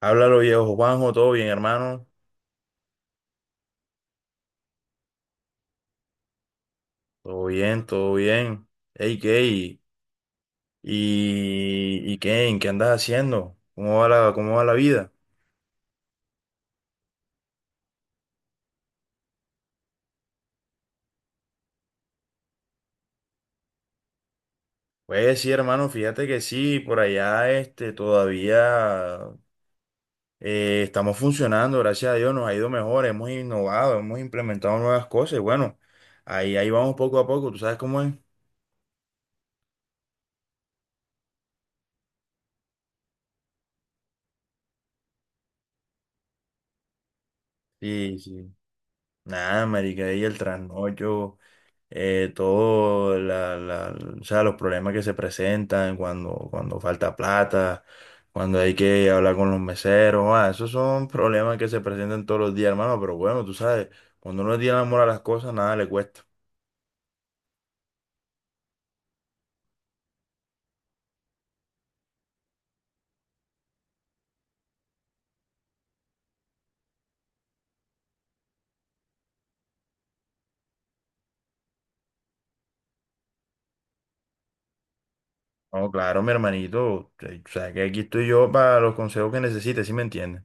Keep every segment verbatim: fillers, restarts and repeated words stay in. Háblalo, viejo Juanjo, todo bien, hermano. Todo bien, todo bien. Hey, ¿qué? ¿Y, y y qué? ¿En qué andas haciendo? ¿Cómo va la, cómo va la vida? Pues sí, hermano, fíjate que sí, por allá este, todavía eh, estamos funcionando, gracias a Dios, nos ha ido mejor, hemos innovado, hemos implementado nuevas cosas. Y bueno, ahí, ahí vamos poco a poco, ¿tú sabes cómo es? Sí, sí. Nada, marica, y el trasnocho. eh, todo la, la- o sea, los problemas que se presentan cuando, cuando falta plata, cuando hay que hablar con los meseros, ah, esos son problemas que se presentan todos los días, hermano, pero bueno, tú sabes, cuando uno tiene amor a las cosas, nada le cuesta. No, claro, mi hermanito, o sea, que aquí estoy yo para los consejos que necesites, ¿sí me entiendes?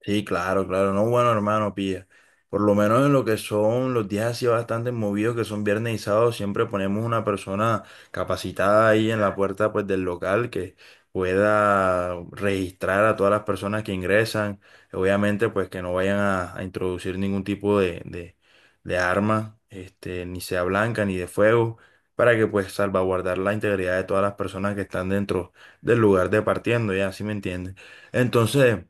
Sí, claro, claro. No, bueno, hermano, pilla. Por lo menos en lo que son los días así bastante movidos, que son viernes y sábado, siempre ponemos una persona capacitada ahí en la puerta pues del local que pueda registrar a todas las personas que ingresan. Obviamente, pues que no vayan a, a introducir ningún tipo de, de, de arma, este, ni sea blanca ni de fuego, para que pues salvaguardar la integridad de todas las personas que están dentro del lugar de partiendo, ya, ¿sí me entiendes? Entonces.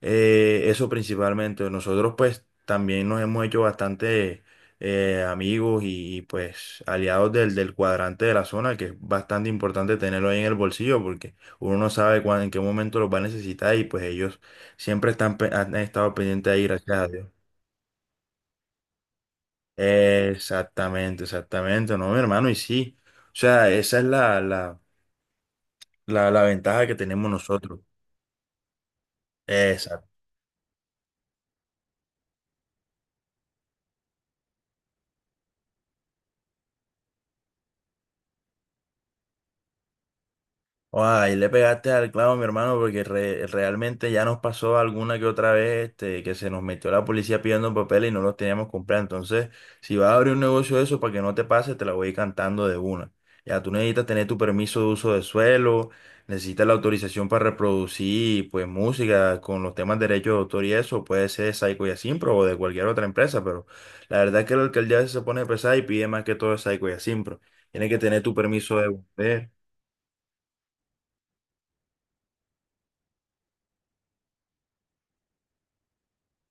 Eh, eso principalmente. Nosotros pues también nos hemos hecho bastante eh, amigos y, y, pues aliados del, del cuadrante de la zona, que es bastante importante tenerlo ahí en el bolsillo porque uno no sabe cuándo, en qué momento los va a necesitar y pues ellos siempre están, pe- han estado pendientes ahí, gracias a Dios. Exactamente, exactamente, no, mi hermano, y sí. O sea, esa es la, la, la, la ventaja que tenemos nosotros. Guau, ahí le pegaste al clavo, mi hermano, porque re- realmente ya nos pasó alguna que otra vez este, que se nos metió la policía pidiendo papeles y no los teníamos comprado. Entonces, si vas a abrir un negocio de eso, para que no te pase, te la voy a ir cantando de una. Ya tú necesitas tener tu permiso de uso de suelo, necesitas la autorización para reproducir pues música con los temas de derechos de autor y eso, puede ser de Saico y Asimpro o de cualquier otra empresa, pero la verdad es que la alcaldía se pone pesada y pide más que todo de Saico y Asimpro. Tienes que tener tu permiso de... vender.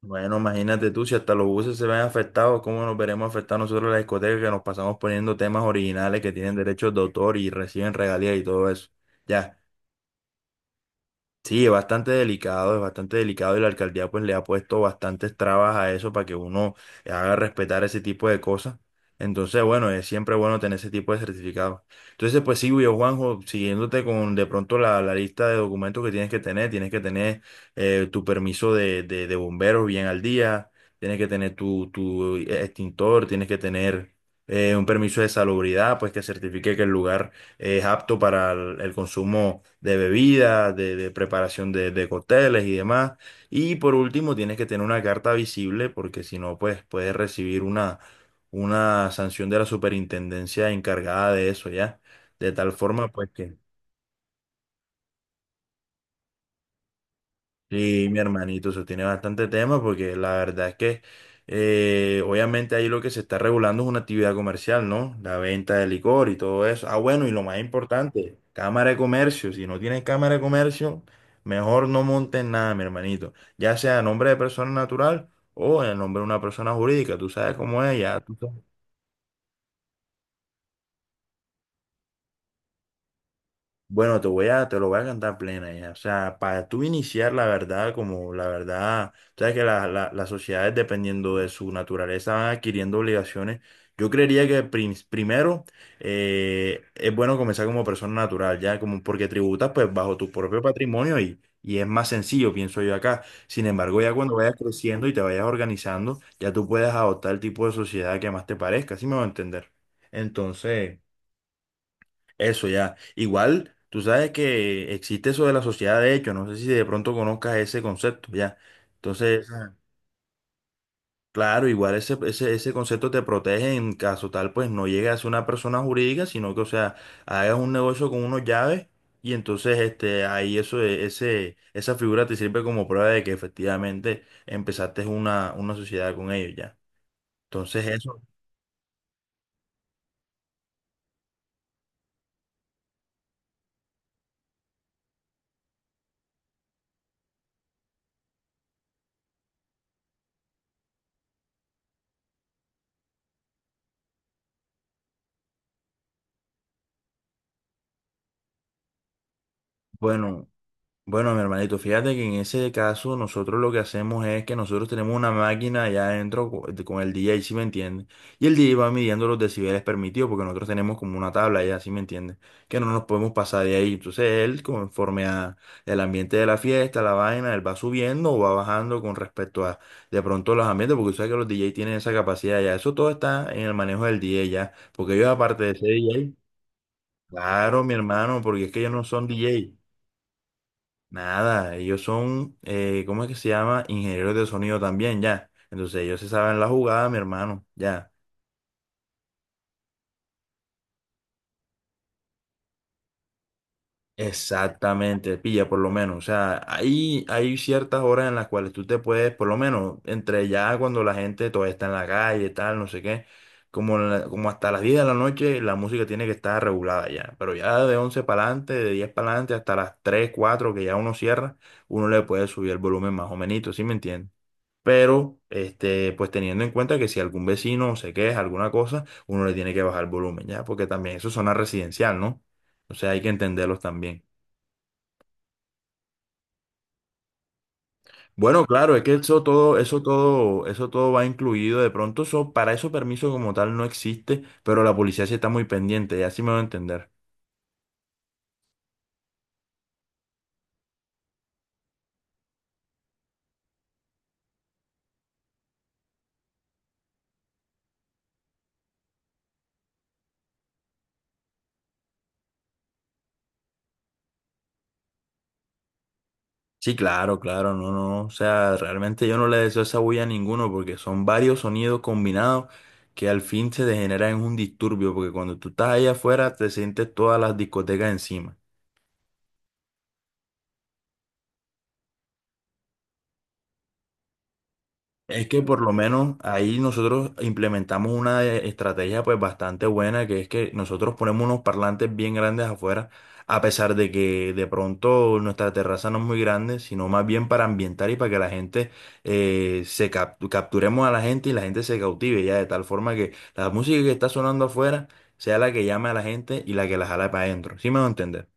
Bueno, imagínate tú, si hasta los buses se ven afectados, ¿cómo nos veremos afectados nosotros las discotecas que nos pasamos poniendo temas originales que tienen derechos de autor y reciben regalías y todo eso? Ya. Sí, es bastante delicado, es bastante delicado y la alcaldía pues le ha puesto bastantes trabas a eso para que uno haga respetar ese tipo de cosas. Entonces, bueno, es siempre bueno tener ese tipo de certificados. Entonces, pues sí, yo, Juanjo, siguiéndote con de pronto la, la lista de documentos que tienes que tener, tienes que tener eh, tu permiso de, de, de bomberos bien al día, tienes que tener tu, tu extintor, tienes que tener eh, un permiso de salubridad, pues que certifique que el lugar es apto para el, el consumo de bebidas, de, de preparación de, de cócteles y demás. Y por último, tienes que tener una carta visible porque si no, pues puedes recibir una, una sanción de la superintendencia encargada de eso, ¿ya? De tal forma, pues que... Sí, mi hermanito, eso tiene bastante tema porque la verdad es que eh, obviamente ahí lo que se está regulando es una actividad comercial, ¿no? La venta de licor y todo eso. Ah, bueno, y lo más importante, cámara de comercio. Si no tienes cámara de comercio, mejor no montes nada, mi hermanito. Ya sea a nombre de persona natural o en nombre de una persona jurídica. Tú sabes cómo es, ya. Bueno, te voy a, te lo voy a cantar plena ya. O sea, para tú iniciar la verdad, como la verdad, sabes que la- la- las sociedades, dependiendo de su naturaleza, van adquiriendo obligaciones. Yo creería que prim- primero eh, es bueno comenzar como persona natural, ya, como porque tributas pues bajo tu propio patrimonio y, y es más sencillo, pienso yo acá. Sin embargo, ya cuando vayas creciendo y te vayas organizando, ya tú puedes adoptar el tipo de sociedad que más te parezca, ¿sí me va a entender? Entonces. Eso ya. Igual, tú sabes que existe eso de la sociedad de hecho, no sé si de pronto conozcas ese concepto, ya. Entonces, Ajá. Claro, igual ese, ese, ese concepto te protege en caso tal, pues no llegue a ser una persona jurídica, sino que, o sea, hagas un negocio con unos llaves y entonces este, ahí eso, e- ese, esa figura te sirve como prueba de que efectivamente empezaste una, una sociedad con ellos, ya. Entonces, eso, bueno. Bueno, mi hermanito, fíjate que en ese caso nosotros lo que hacemos es que nosotros tenemos una máquina allá adentro co- de- con el D J, ¿si me entiendes? Y el D J va midiendo los decibeles permitidos porque nosotros tenemos como una tabla allá, ¿si me entiendes? Que no nos podemos pasar de ahí. Entonces él, conforme a el ambiente de la fiesta, la vaina, él va subiendo o va bajando con respecto a de pronto los ambientes, porque tú sabes que los D J tienen esa capacidad ya. Eso todo está en el manejo del D J ya, porque ellos aparte de ser D J, claro, mi hermano, porque es que ellos no son D J. Nada, ellos son, eh, ¿cómo es que se llama? Ingenieros de sonido también, ya. Entonces ellos se saben la jugada, mi hermano, ya. Exactamente, pilla por lo menos. O sea, hay, hay ciertas horas en las cuales tú te puedes, por lo menos, entre ya cuando la gente todavía está en la calle, tal, no sé qué, como, la- como hasta las diez de la noche la música tiene que estar regulada ya. Pero ya de once para adelante, de diez para adelante, hasta las tres cuatro que ya uno cierra, uno le puede subir el volumen más o menos, ¿sí me entiendes? Pero, este, pues teniendo en cuenta que si algún vecino se queja, alguna cosa, uno le tiene que bajar el volumen, ¿ya? Porque también eso es zona residencial, ¿no? O sea, hay que entenderlos también. Bueno, claro, es que eso todo, eso todo, eso todo va incluido. De pronto, eso, para eso permiso como tal no existe, pero la policía sí está muy pendiente, ya sí me va a entender. Sí, claro, claro, no, no, o sea, realmente yo no le deseo esa bulla a ninguno porque son varios sonidos combinados que al fin se degeneran en un disturbio porque cuando tú estás ahí afuera te sientes todas las discotecas encima. Es que por lo menos ahí nosotros implementamos una eh, estrategia pues bastante buena, que es que nosotros ponemos unos parlantes bien grandes afuera, a pesar de que de pronto nuestra terraza no es muy grande, sino más bien para ambientar y para que la gente eh, se cap- capturemos a la gente y la gente se cautive ya, de tal forma que la música que está sonando afuera sea la que llame a la gente y la que la jale para adentro. ¿Sí me va a entender?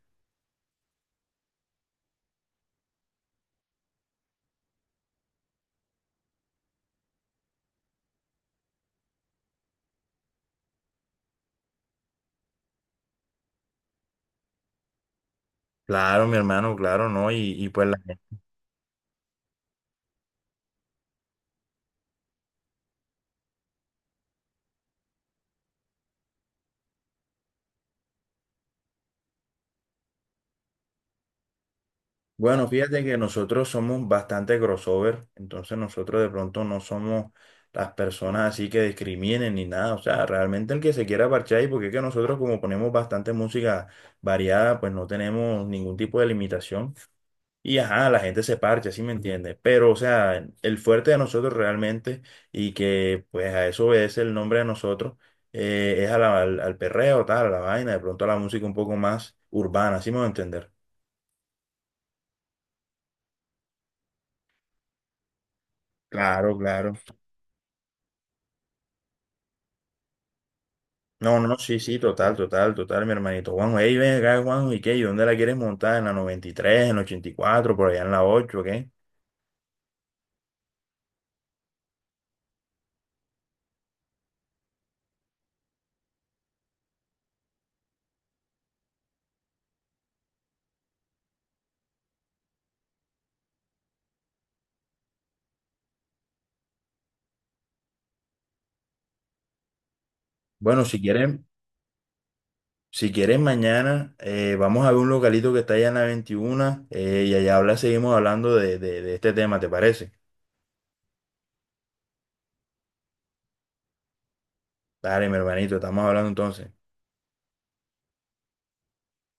Claro, mi hermano, claro, ¿no? Y, y pues Bueno, fíjate que nosotros somos bastante crossover, entonces nosotros de pronto no somos las personas así que discriminen ni nada, o sea, realmente el que se quiera parchar y porque es que nosotros como ponemos bastante música variada, pues no tenemos ningún tipo de limitación y ajá, la gente se parcha, ¿sí me entiendes? Pero o sea, el fuerte de nosotros realmente y que pues a eso obedece el nombre de nosotros eh, es a la- al, al perreo, tal, a la vaina, de pronto a la música un poco más urbana, ¿sí me voy a entender? Claro, claro. No, no, sí, sí, total, total, total, mi hermanito Juanjo. Ey, ven acá, Juanjo, ¿y qué? ¿Y dónde la quieres montar? ¿En la noventa y tres, en la ochenta y cuatro, por allá en la ocho, qué? Bueno, si quieren, si quieren mañana, eh, vamos a ver un localito que está allá en la veintiuno, eh, y allá habla, seguimos hablando de, de, de este tema, ¿te parece? Dale, mi hermanito, estamos hablando entonces.